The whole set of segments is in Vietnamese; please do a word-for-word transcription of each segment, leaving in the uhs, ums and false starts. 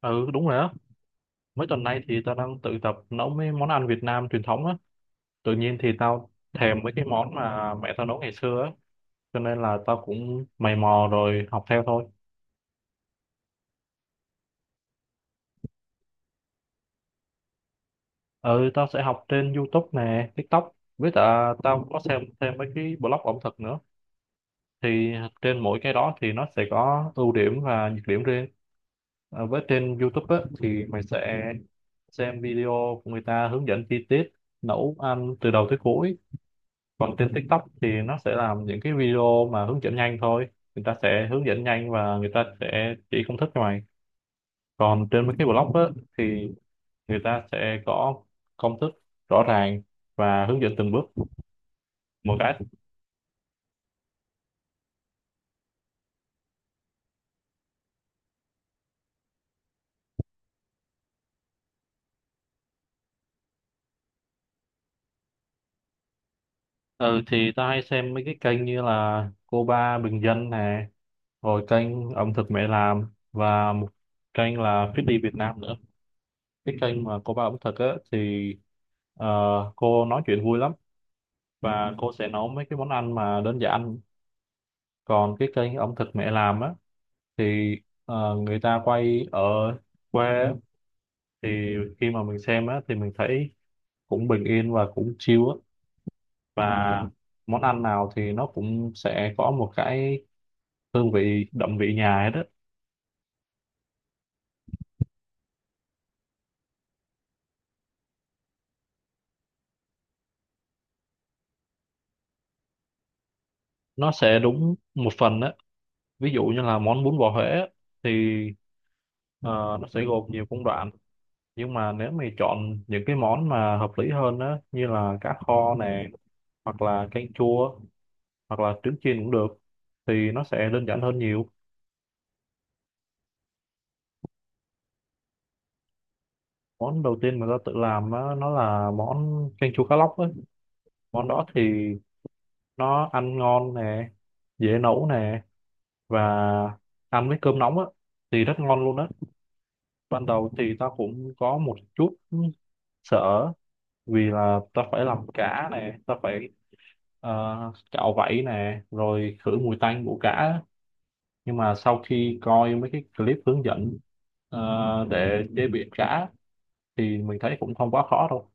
Ừ đúng rồi á. Mấy tuần nay thì tao đang tự tập nấu mấy món ăn Việt Nam truyền thống á. Tự nhiên thì tao thèm mấy cái món mà mẹ tao nấu ngày xưa á, cho nên là tao cũng mày mò rồi học theo thôi. Ừ tao sẽ học trên YouTube nè, TikTok. Với cả tao có xem thêm mấy cái blog ẩm thực nữa. Thì trên mỗi cái đó thì nó sẽ có ưu điểm và nhược điểm riêng. Ờ, Với trên YouTube á thì mày sẽ xem video của người ta hướng dẫn chi tiết nấu ăn từ đầu tới cuối. Còn trên TikTok thì nó sẽ làm những cái video mà hướng dẫn nhanh thôi, người ta sẽ hướng dẫn nhanh và người ta sẽ chỉ công thức cho mày. Còn trên mấy cái blog á, thì người ta sẽ có công thức rõ ràng và hướng dẫn từng bước một cách ừ, thì ta hay xem mấy cái kênh như là cô ba bình dân nè, rồi kênh ẩm thực mẹ làm, và một kênh là Fit đi Việt Nam nữa. Cái kênh mà cô ba ẩm thực á, thì ờ, cô nói chuyện vui lắm và cô sẽ nấu mấy cái món ăn mà đơn giản. Còn cái kênh ẩm thực mẹ làm á thì ờ, người ta quay ở quê á, thì khi mà mình xem á thì mình thấy cũng bình yên và cũng chill á, và món ăn nào thì nó cũng sẽ có một cái hương vị đậm vị nhà ấy đó. Nó sẽ đúng một phần á, ví dụ như là món bún bò Huế á, thì ờ, nó sẽ gồm nhiều công đoạn, nhưng mà nếu mày chọn những cái món mà hợp lý hơn á như là cá kho nè, hoặc là canh chua, hoặc là trứng chiên cũng được thì nó sẽ đơn giản hơn nhiều. Món đầu tiên mà ta tự làm á, nó là món canh chua cá lóc ấy. Món đó thì nó ăn ngon nè, dễ nấu nè, và ăn với cơm nóng á, thì rất ngon luôn á. Ban đầu thì ta cũng có một chút sợ vì là ta phải làm cá nè, ta phải ờ, cạo vảy nè rồi khử mùi tanh của cá á. Nhưng mà sau khi coi mấy cái clip hướng dẫn ờ, để chế biến cá thì mình thấy cũng không quá khó đâu.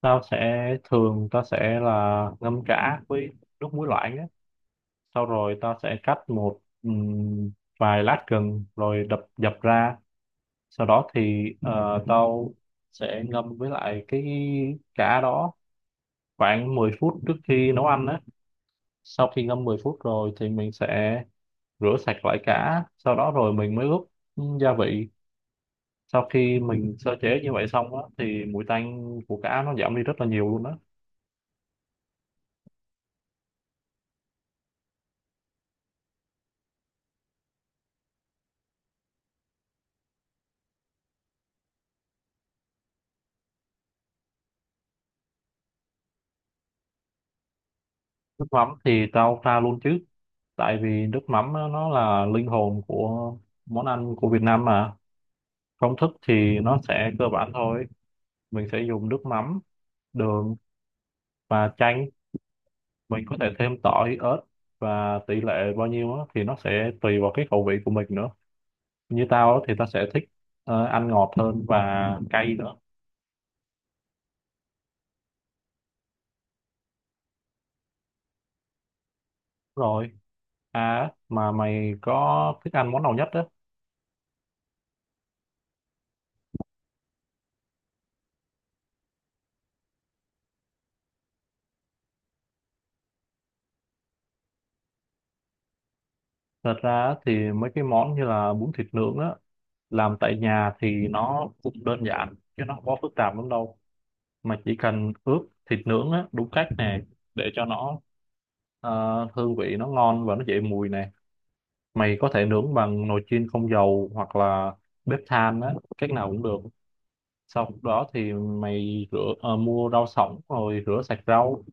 Tao sẽ thường tao sẽ là ngâm chả với nước muối loãng á, sau rồi tao sẽ cắt một ừm, vài lát gừng rồi đập dập ra. Sau đó thì ờ, tao sẽ ngâm với lại cái chả đó khoảng mười phút trước khi nấu ăn á. Sau khi ngâm mười phút rồi thì mình sẽ rửa sạch lại chả, sau đó rồi mình mới ướp ừm, gia vị. Sau khi mình sơ chế như vậy xong á thì mùi tanh của cá nó giảm đi rất là nhiều luôn á. Nước mắm thì tao pha luôn chứ, tại vì nước mắm á, nó là linh hồn của món ăn của Việt Nam mà. Công thức thì nó sẽ cơ bản thôi, mình sẽ dùng nước mắm, đường, và chanh. Mình có thể thêm tỏi ớt, và tỷ lệ bao nhiêu á, thì nó sẽ tùy vào cái khẩu vị của mình nữa. Như tao á, thì tao sẽ thích ờ, ăn ngọt hơn và cay nữa. Rồi, à mà mày có thích ăn món nào nhất á? Thật ra á, thì mấy cái món như là bún thịt nướng á, làm tại nhà thì nó cũng đơn giản chứ nó không có phức tạp lắm đâu, mà chỉ cần ướp thịt nướng á, đúng cách nè, để cho nó ờ, hương vị nó ngon và nó dậy mùi nè. Mày có thể nướng bằng nồi chiên không dầu hoặc là bếp than á, cách nào cũng được. Sau đó thì mày rửa ờ, mua rau sống rồi rửa sạch rau,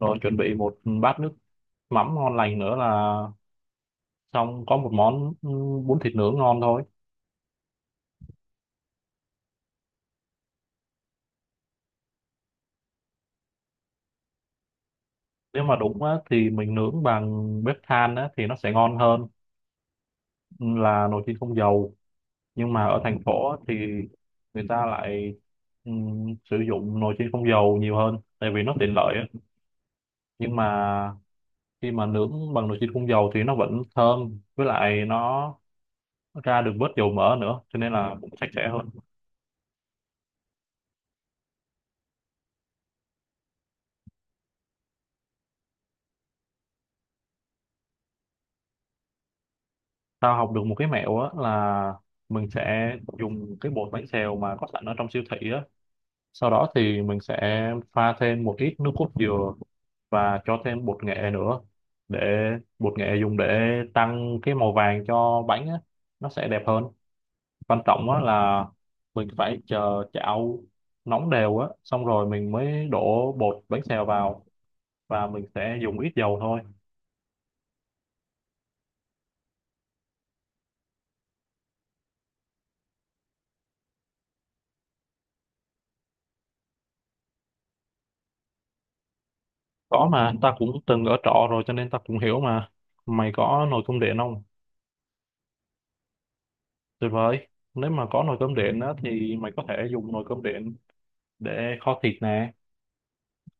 rồi chuẩn bị một bát nước mắm ngon lành nữa là xong, có một món ừ, bún thịt nướng ngon thôi. Nếu mà đúng á, thì mình nướng bằng bếp than á, thì nó sẽ ngon hơn là nồi chiên không dầu. Nhưng mà ở thành phố á thì người ta lại ừm, sử dụng nồi chiên không dầu nhiều hơn tại vì nó tiện lợi á. Nhưng mà khi mà nướng bằng nồi chiên không dầu thì nó vẫn thơm, với lại nó ra được bớt dầu mỡ nữa, cho nên là cũng sạch sẽ hơn. Tao học được một cái mẹo á là mình sẽ dùng cái bột bánh xèo mà có sẵn ở trong siêu thị á. Sau đó thì mình sẽ pha thêm một ít nước cốt dừa và cho thêm bột nghệ nữa. Để bột nghệ dùng để tăng cái màu vàng cho bánh á, nó sẽ đẹp hơn. Quan trọng á là mình phải chờ chảo nóng đều á, xong rồi mình mới đổ bột bánh xèo vào, và mình sẽ dùng ít dầu thôi. Có mà, ta cũng từng ở trọ rồi cho nên ta cũng hiểu mà. Mày có nồi cơm điện không? Tuyệt vời. Nếu mà có nồi cơm điện á thì mày có thể dùng nồi cơm điện để kho thịt nè,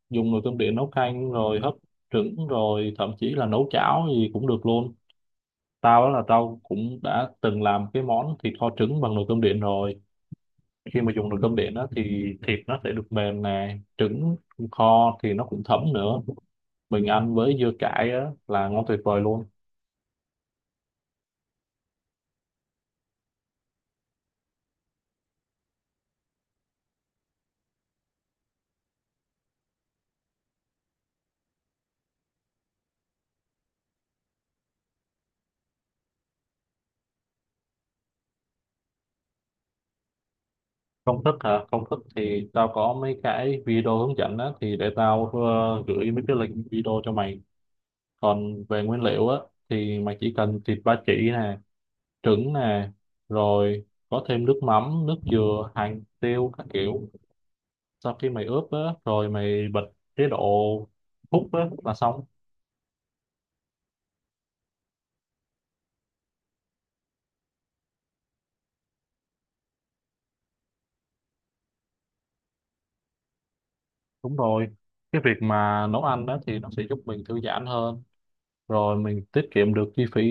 dùng nồi cơm điện nấu canh, rồi hấp trứng, rồi thậm chí là nấu cháo gì cũng được luôn. Tao đó là Tao cũng đã từng làm cái món thịt kho trứng bằng nồi cơm điện rồi. Khi mà dùng nồi cơm điện đó thì thịt nó sẽ được mềm nè, trứng kho thì nó cũng thấm nữa, mình ăn với dưa cải á, là ngon tuyệt vời luôn. Công thức hả? Công thức thì tao có mấy cái video hướng dẫn á, thì để tao ờ, gửi mấy cái link video cho mày. Còn về nguyên liệu á thì mày chỉ cần thịt ba chỉ nè, trứng nè, rồi có thêm nước mắm, nước dừa, hành tiêu các kiểu. Sau khi mày ướp á rồi mày bật chế độ hút á là xong. Đúng rồi, cái việc mà nấu ăn đó thì nó sẽ giúp mình thư giãn hơn, rồi mình tiết kiệm được chi phí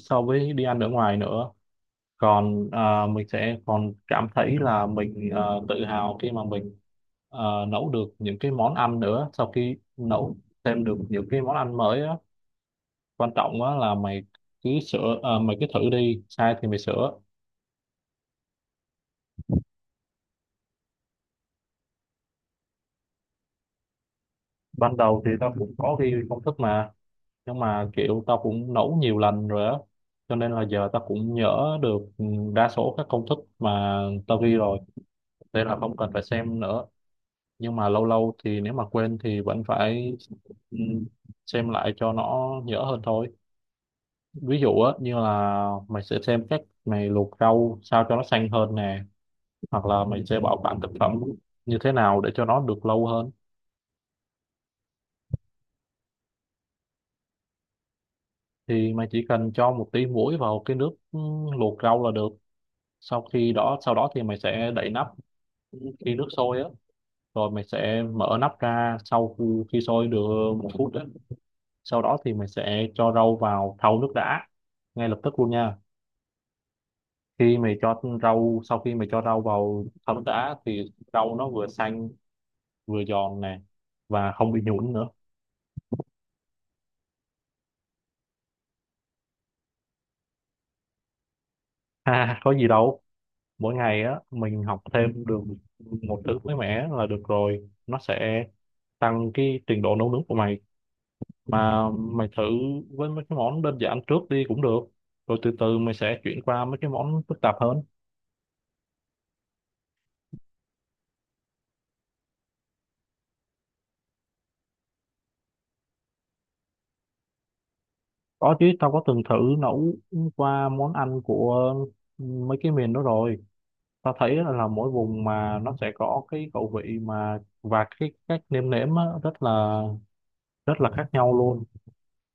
so với đi ăn ở ngoài nữa. Còn à, mình sẽ còn cảm thấy là mình à, tự hào khi mà mình à, nấu được những cái món ăn nữa, sau khi nấu thêm được những cái món ăn mới á. Quan trọng á là mày cứ sửa à, mày cứ thử đi, sai thì mày sửa. Ban đầu thì tao cũng có ghi công thức mà, nhưng mà kiểu tao cũng nấu nhiều lần rồi á, cho nên là giờ tao cũng nhớ được ừ, đa số các công thức mà tao ghi rồi, thế là không cần phải xem nữa. Nhưng mà lâu lâu thì nếu mà quên thì vẫn phải ừ, xem lại cho nó nhớ hơn thôi. Ví dụ á như là mày sẽ xem cách mày luộc rau sao cho nó xanh hơn nè, hoặc là mày sẽ bảo quản thực phẩm như thế nào để cho nó được lâu hơn. Thì mày chỉ cần cho một tí muối vào cái nước ừ, luộc rau là được. Sau khi đó sau đó thì mày sẽ đậy nắp khi nước sôi á, rồi mày sẽ mở nắp ra sau khi khi sôi được một phút á. Sau đó thì mày sẽ cho rau vào thau nước đã, ngay lập tức luôn nha. Khi mày cho rau Sau khi mày cho rau vào thau nước đã thì rau nó vừa xanh, vừa giòn nè, và không bị nhũn nữa. Ha, có gì đâu. Mỗi ngày á mình học thêm được một thứ mới mẻ là được rồi, nó sẽ tăng cái trình độ nấu nướng của mày. Mà mày thử với mấy cái món đơn giản trước đi cũng được, rồi từ từ mày sẽ chuyển qua mấy cái món phức tạp hơn. Có chứ, tao có từng thử nấu qua món ăn của mấy cái miền đó rồi. Tao thấy là, là mỗi vùng mà nó sẽ có cái khẩu vị mà và cái cách nêm nếm á, rất là rất là khác nhau luôn.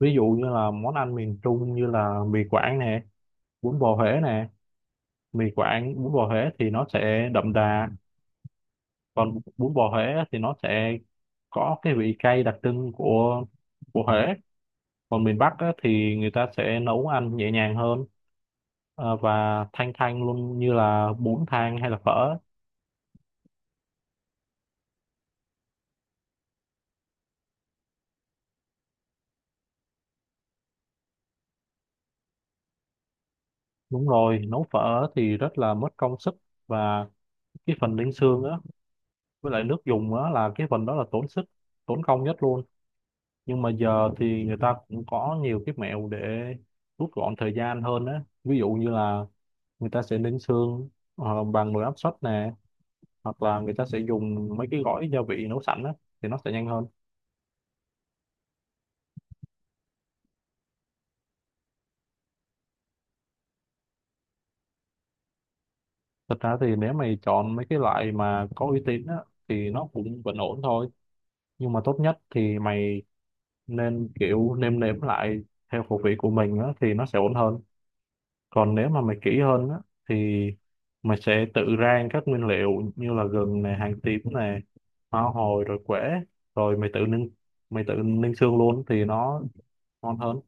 Ví dụ như là món ăn miền Trung như là mì Quảng nè, bún bò Huế nè, mì Quảng bún bò Huế thì nó sẽ đậm đà. Còn bún bò Huế thì nó sẽ có cái vị cay đặc trưng của của Huế. Còn miền Bắc á, thì người ta sẽ nấu ăn nhẹ nhàng hơn, ờ, và thanh thanh luôn, như là bún thang hay là phở. Đúng rồi, nấu phở thì rất là mất công sức, và cái phần ninh xương á với lại nước dùng á là cái phần đó là tốn sức tốn công nhất luôn. Nhưng mà giờ thì người ta cũng có nhiều cái mẹo để rút gọn thời gian hơn á, ví dụ như là người ta sẽ ninh xương ờ, bằng nồi áp suất nè, hoặc là người ta sẽ dùng mấy cái gói gia vị nấu sẵn á, thì nó sẽ nhanh hơn. Thật ra thì nếu mày chọn mấy cái loại mà có uy tín á thì nó cũng vẫn ổn thôi, nhưng mà tốt nhất thì mày nên kiểu nêm nếm lại theo khẩu vị của mình á thì nó sẽ ổn hơn. Còn nếu mà mày kỹ hơn á thì mày sẽ tự rang các nguyên liệu như là gừng này, hành tím này, hoa hồi rồi quế, rồi mày tự ninh mày tự ninh xương luôn thì nó ngon hơn.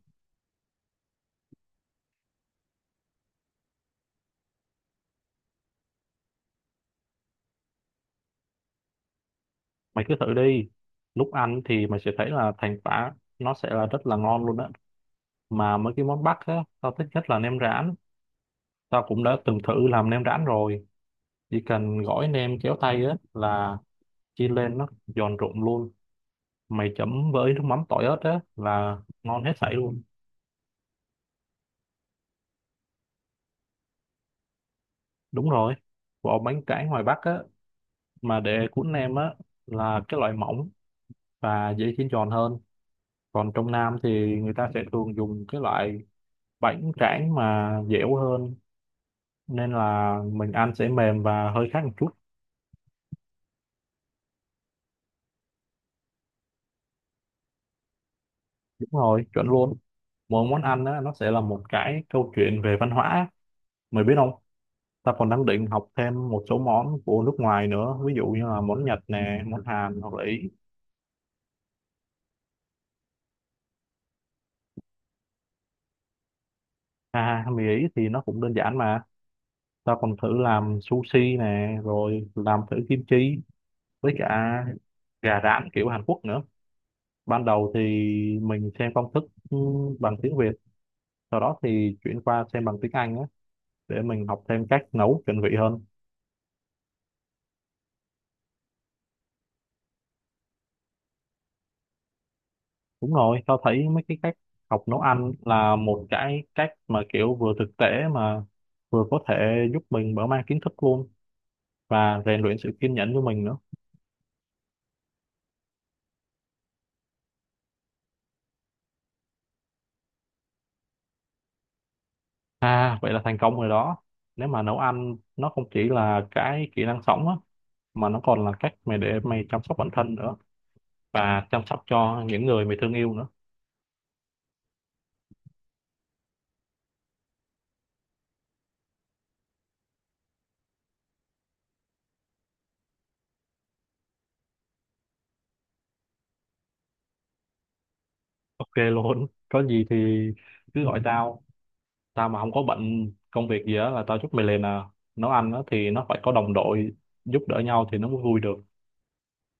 Mày cứ thử đi, lúc ăn thì mày sẽ thấy là thành quả nó sẽ là rất là ngon luôn á. Mà mấy cái món Bắc á tao thích nhất là nem rán. Tao cũng đã từng thử làm nem rán rồi, chỉ cần gói nem kéo tay á là chiên lên nó giòn rụm luôn. Mày chấm với nước mắm tỏi ớt á là ngon hết sảy luôn. Đúng rồi, vỏ bánh tráng ngoài Bắc á mà để cuốn nem á là cái loại mỏng và dễ chiên giòn hơn. Còn trong Nam thì người ta sẽ thường dùng cái loại bánh tráng mà dẻo hơn, nên là mình ăn sẽ mềm và hơi khác một chút. Đúng rồi, chuẩn luôn. Mỗi món ăn á, nó sẽ là một cái câu chuyện về văn hóa, mày biết không? Ta còn đang định học thêm một số món của nước ngoài nữa, ví dụ như là món Nhật nè, món Hàn, hoặc là Ý. À, mì Ý thì nó cũng đơn giản mà. Ta còn thử làm sushi nè, rồi làm thử kim chi, với cả gà rán kiểu Hàn Quốc nữa. Ban đầu thì mình xem công thức ừ, bằng tiếng Việt, sau đó thì chuyển qua xem bằng tiếng Anh á, để mình học thêm cách nấu chuẩn vị hơn. Đúng rồi, tao thấy mấy cái cách học nấu ăn là một cái cách mà kiểu vừa thực tế, mà vừa có thể giúp mình mở mang kiến thức luôn, và rèn luyện sự kiên nhẫn của mình nữa. À vậy là thành công rồi đó. Nếu mà nấu ăn nó không chỉ là cái kỹ năng sống á, mà nó còn là cách mày để mày chăm sóc bản thân nữa, và chăm sóc cho những người mày thương yêu nữa. Ok luôn, có gì thì cứ gọi tao, tao mà không có bận công việc gì á là tao giúp mày liền à. Nấu ăn á thì nó phải có đồng đội, giúp đỡ nhau thì nó mới vui được.